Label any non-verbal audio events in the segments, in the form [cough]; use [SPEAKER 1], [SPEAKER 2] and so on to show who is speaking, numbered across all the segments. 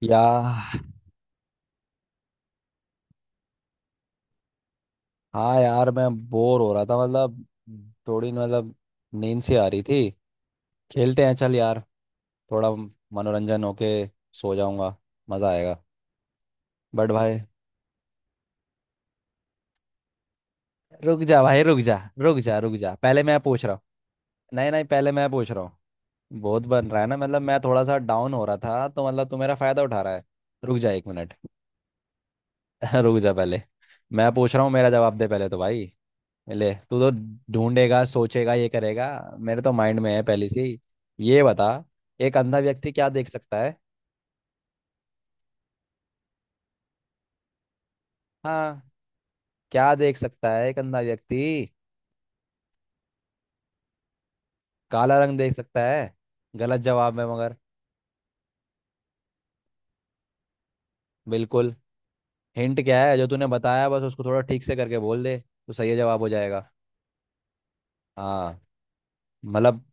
[SPEAKER 1] या। हाँ यार, मैं बोर हो रहा था। मतलब थोड़ी, मतलब नींद सी आ रही थी। खेलते हैं, चल यार। थोड़ा मनोरंजन होके सो जाऊंगा, मजा आएगा। बट भाई, रुक जा भाई, रुक जा। रुक जा रुक जा, पहले मैं पूछ रहा हूँ। नहीं नहीं, पहले मैं पूछ रहा हूँ। बहुत बन रहा है ना। मतलब मैं थोड़ा सा डाउन हो रहा था, तो मतलब तू मेरा फायदा उठा रहा है। रुक जा एक मिनट। [laughs] रुक जा पहले, मैं पूछ रहा हूँ। मेरा जवाब दे पहले तो भाई। ले, तू तो ढूंढेगा, सोचेगा, ये करेगा। मेरे तो माइंड में है पहले से ही। ये बता, एक अंधा व्यक्ति क्या देख सकता है। हाँ। क्या देख सकता है एक अंधा व्यक्ति। काला रंग देख सकता है, गलत जवाब है मगर। बिल्कुल। हिंट क्या है, जो तूने बताया बस उसको थोड़ा ठीक से करके बोल दे तो सही जवाब हो जाएगा। हाँ। मतलब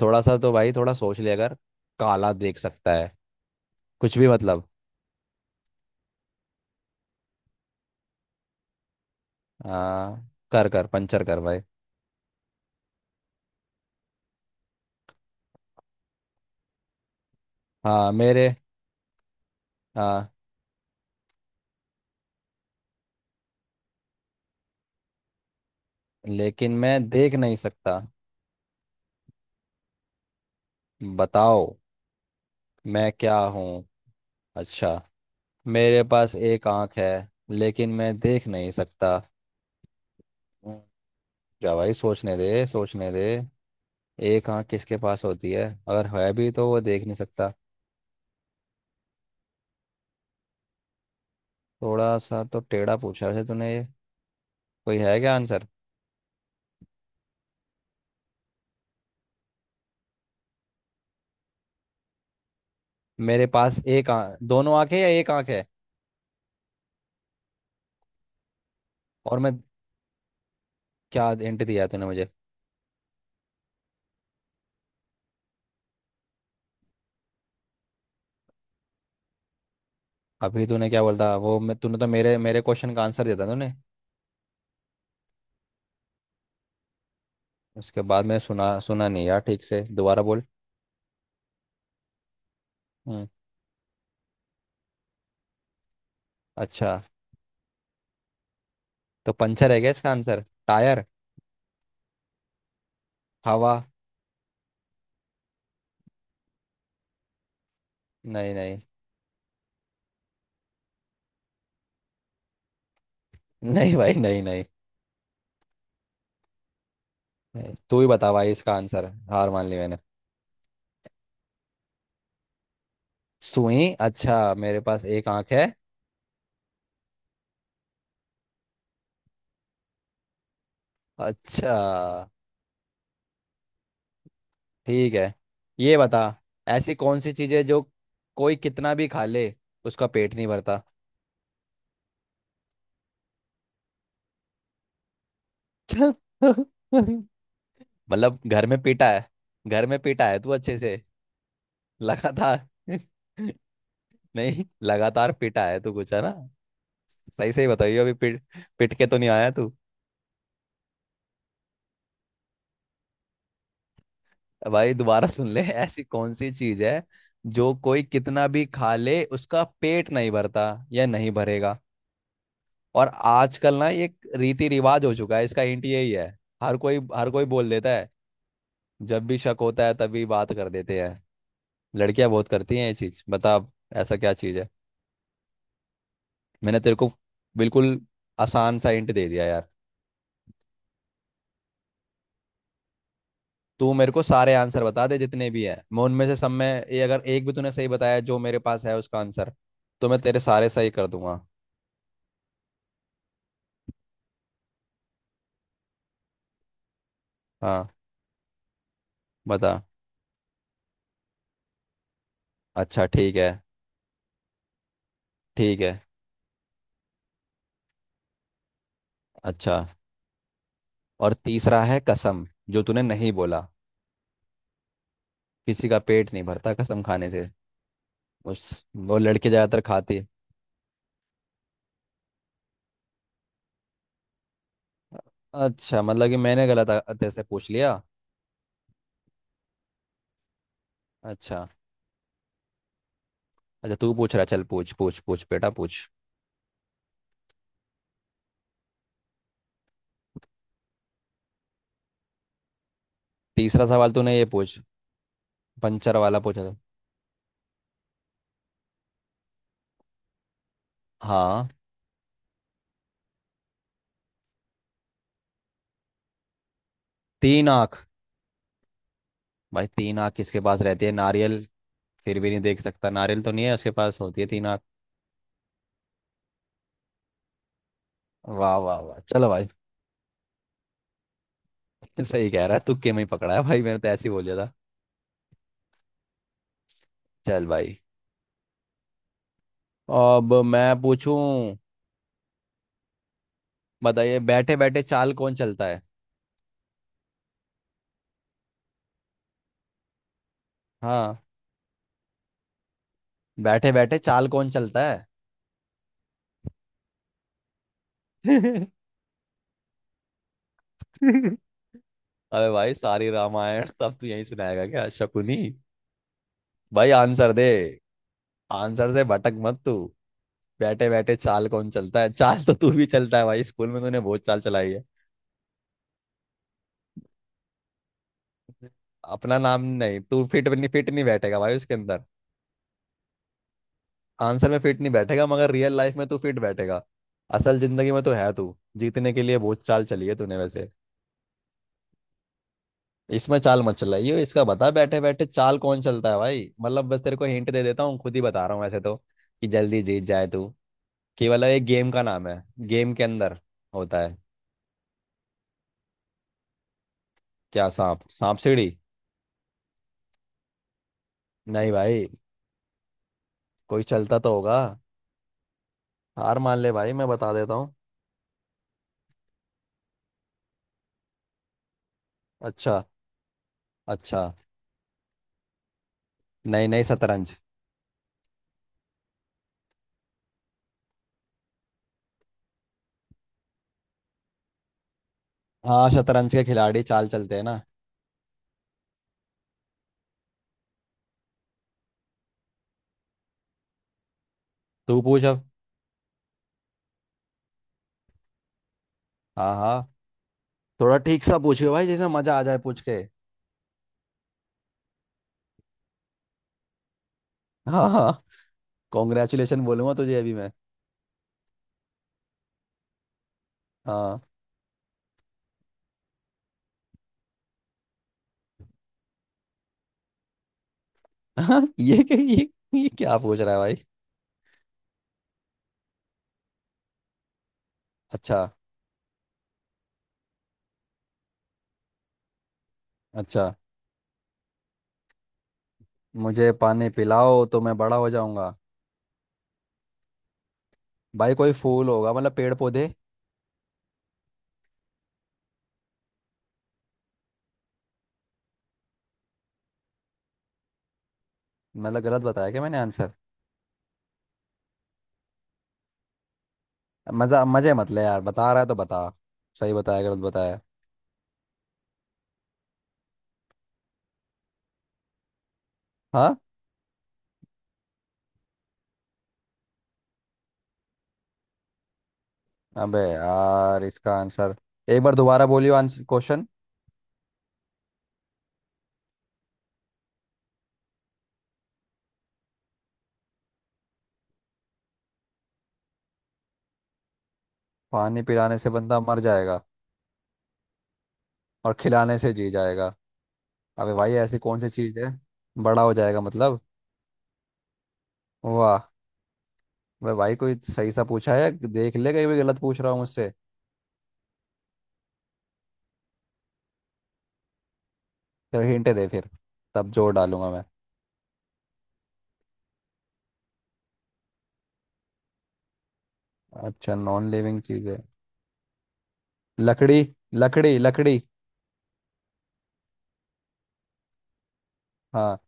[SPEAKER 1] थोड़ा सा तो भाई, थोड़ा सोच ले। अगर काला देख सकता है, कुछ भी मतलब। हाँ कर कर, पंचर कर भाई। हाँ मेरे हाँ, लेकिन मैं देख नहीं सकता। बताओ मैं क्या हूँ। अच्छा, मेरे पास एक आंख है, लेकिन मैं देख नहीं सकता हूँ। जा भाई, सोचने दे सोचने दे। एक आंख किसके पास होती है, अगर है भी तो वो देख नहीं सकता। थोड़ा सा तो टेढ़ा पूछा वैसे तूने ये। कोई है क्या आंसर? मेरे पास एक आंख, दोनों आंखें, या एक आंख है? और मैं, क्या हिंट दिया तूने मुझे? अभी तूने क्या बोलता, वो मैं तूने तो मेरे मेरे क्वेश्चन का आंसर दिया था तूने। उसके बाद मैंने सुना सुना नहीं यार, ठीक से दोबारा बोल। हम्म। अच्छा, तो पंचर है क्या इसका आंसर? टायर? हवा? नहीं नहीं नहीं भाई नहीं नहीं नहीं। तू ही बता भाई इसका आंसर, हार मान ली मैंने। सुई? अच्छा, मेरे पास एक आंख है। अच्छा ठीक है। ये बता, ऐसी कौन सी चीज है जो कोई कितना भी खा ले उसका पेट नहीं भरता। [laughs] चल। मतलब घर में पीटा है। घर में पीटा है तू अच्छे से लगातार। [laughs] नहीं, लगातार पीटा है तू, कुछ है ना। सही सही बताइए, अभी पीट, पिट के तो नहीं आया तू। भाई दोबारा सुन ले, ऐसी कौन सी चीज है जो कोई कितना भी खा ले उसका पेट नहीं भरता या नहीं भरेगा। और आजकल ना ये एक रीति रिवाज हो चुका है, इसका इंट यही है। हर कोई बोल देता है, जब भी शक होता है तभी बात कर देते हैं। लड़कियां बहुत करती हैं ये चीज, बता अब। ऐसा क्या चीज है? मैंने तेरे को बिल्कुल आसान सा इंट दे दिया यार। तू मेरे को सारे आंसर बता दे, जितने भी हैं, मैं उनमें से सब में, ये अगर एक भी तूने सही बताया जो मेरे पास है उसका आंसर, तो मैं तेरे सारे सही कर दूंगा। हाँ, बता। अच्छा ठीक है। ठीक है। अच्छा। और तीसरा है कसम, जो तूने नहीं बोला। किसी का पेट नहीं भरता कसम खाने से, उस वो लड़के ज़्यादातर खाते। अच्छा, मतलब कि मैंने गलत अतः से पूछ लिया। अच्छा अच्छा, तू पूछ रहा है, चल पूछ पूछ पूछ बेटा पूछ। तीसरा सवाल तूने ये पूछ, पंचर वाला पूछा था। हाँ। तीन आँख? भाई तीन आँख किसके पास रहती है? नारियल। फिर भी नहीं देख सकता नारियल, तो नहीं है उसके पास होती है तीन आँख। वाह वाह वाह, चलो भाई। [laughs] सही कह रहा है, तुक्के में ही पकड़ा है भाई, मैंने तो ऐसे ही बोल दिया था। चल भाई, अब मैं पूछूं। बताइए, बैठे बैठे चाल कौन चलता है। हाँ, बैठे बैठे चाल कौन चलता है। [laughs] अरे भाई, सारी रामायण सब तू यही सुनाएगा क्या, शकुनी? भाई आंसर दे, आंसर से भटक मत तू। बैठे बैठे चाल कौन चलता है? चाल तो तू भी चलता है भाई, स्कूल में तूने बहुत चाल चलाई है। अपना नाम नहीं, तू फिट नहीं, फिट नहीं बैठेगा भाई उसके अंदर। आंसर में फिट नहीं बैठेगा, मगर रियल लाइफ में तू फिट बैठेगा। असल जिंदगी में तो है तू, जीतने के लिए बहुत चाल चली है तूने वैसे। इसमें चाल मत चलाइयो, इसका बता, बैठे बैठे चाल कौन चलता है भाई। मतलब बस तेरे को हिंट दे देता हूँ, खुद ही बता रहा हूँ वैसे तो, कि जल्दी जीत जाए तू। केवल एक गेम का नाम है, गेम के अंदर होता है। क्या, सांप? सांप सीढ़ी? नहीं भाई, कोई चलता तो होगा। हार मान ले भाई, मैं बता देता हूँ। अच्छा अच्छा। नहीं नहीं, शतरंज। हाँ, शतरंज के खिलाड़ी चाल चलते हैं ना। तू पूछ अब। हाँ हाँ। थोड़ा ठीक सा पूछियो भाई, जिसमें मजा आ जाए पूछ के। हाँ हाँ, कॉन्ग्रेचुलेशन बोलूंगा तुझे अभी मैं। हाँ। ये क्या ये क्या पूछ रहा है भाई। अच्छा। अच्छा, मुझे पानी पिलाओ तो मैं बड़ा हो जाऊंगा? भाई कोई फूल होगा, मतलब पेड़ पौधे। मतलब गलत बताया क्या मैंने आंसर? मजा, मजे मत ले यार, बता रहा है तो बता, सही बताया गलत बताया? हाँ। अबे यार, इसका आंसर एक बार दोबारा बोलियो, आंसर, क्वेश्चन। पानी पिलाने से बंदा मर जाएगा, और खिलाने से जी जाएगा? अबे भाई, ऐसी कौन सी चीज है? बड़ा हो जाएगा मतलब। वाह। अबे भाई कोई सही सा पूछा है, देख ले कहीं भी गलत पूछ रहा हूँ मुझसे। फिर हिंट दे फिर, तब जोर डालूंगा मैं। अच्छा, नॉन लिविंग चीज है। लकड़ी लकड़ी लकड़ी। हाँ।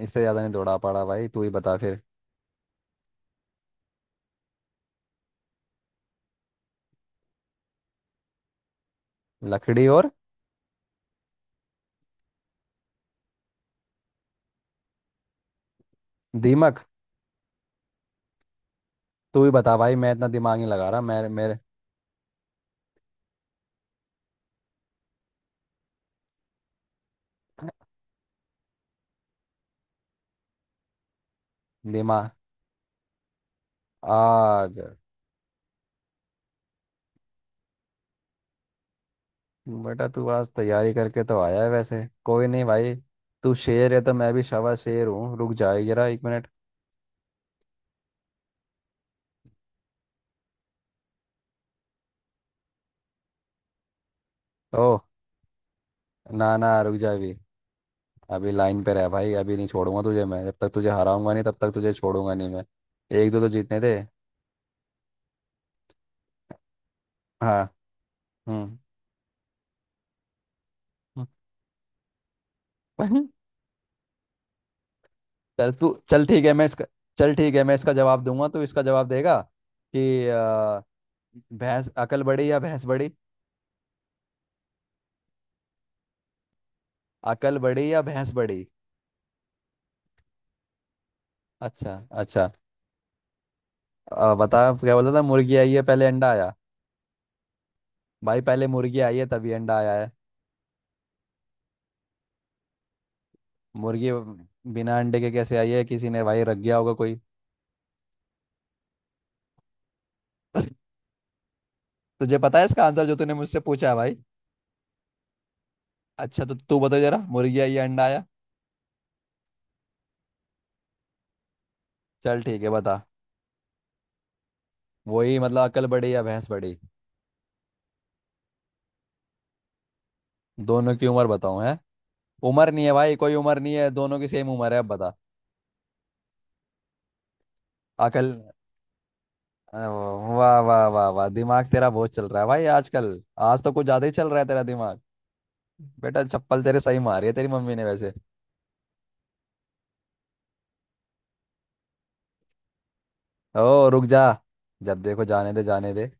[SPEAKER 1] इससे ज्यादा नहीं दौड़ा पड़ा भाई, तू ही बता फिर। लकड़ी और? दीमक? तू ही बता भाई, मैं इतना दिमाग नहीं लगा रहा। मेरे मेरे दिमाग, आग। बेटा तू आज तैयारी करके तो आया है वैसे, कोई नहीं भाई, तू शेर है तो मैं भी शवा शेर हूँ। रुक जा जरा एक मिनट। ओ, ना ना, रुक जा अभी। अभी लाइन पे रह भाई, अभी नहीं छोड़ूंगा तुझे मैं, जब तक तुझे हराऊंगा नहीं तब तक तुझे छोड़ूंगा नहीं मैं। एक दो तो जीतने थे। हाँ। हम्म हम्म। [laughs] चल तू, चल ठीक है, मैं इसका, चल ठीक है मैं इसका जवाब दूंगा तो इसका जवाब देगा कि, भैंस अकल बड़ी या भैंस बड़ी। अकल बड़ी या भैंस बड़ी। अच्छा अच्छा। बता, क्या बोला था, मुर्गी आई है पहले अंडा आया? भाई पहले मुर्गी आई है तभी अंडा आया है। मुर्गी बिना अंडे के कैसे आई है? किसी ने भाई रख गया होगा कोई। तुझे पता है इसका आंसर जो तूने मुझसे पूछा है भाई? अच्छा तो तू बता जरा, मुर्गी आई या अंडा आया। चल ठीक है, बता। वही मतलब, अकल बड़ी या भैंस बड़ी। दोनों की उम्र बताऊं है? उम्र नहीं है भाई, कोई उम्र नहीं है, दोनों की सेम उम्र है, अब बता। अकल। वाह वाह वाह वाह, दिमाग तेरा बहुत चल रहा है भाई आजकल। आज तो कुछ ज्यादा ही चल रहा है तेरा दिमाग। बेटा चप्पल तेरे सही मारी है तेरी मम्मी ने वैसे। ओ रुक जा। जब देखो जाने दे जाने दे।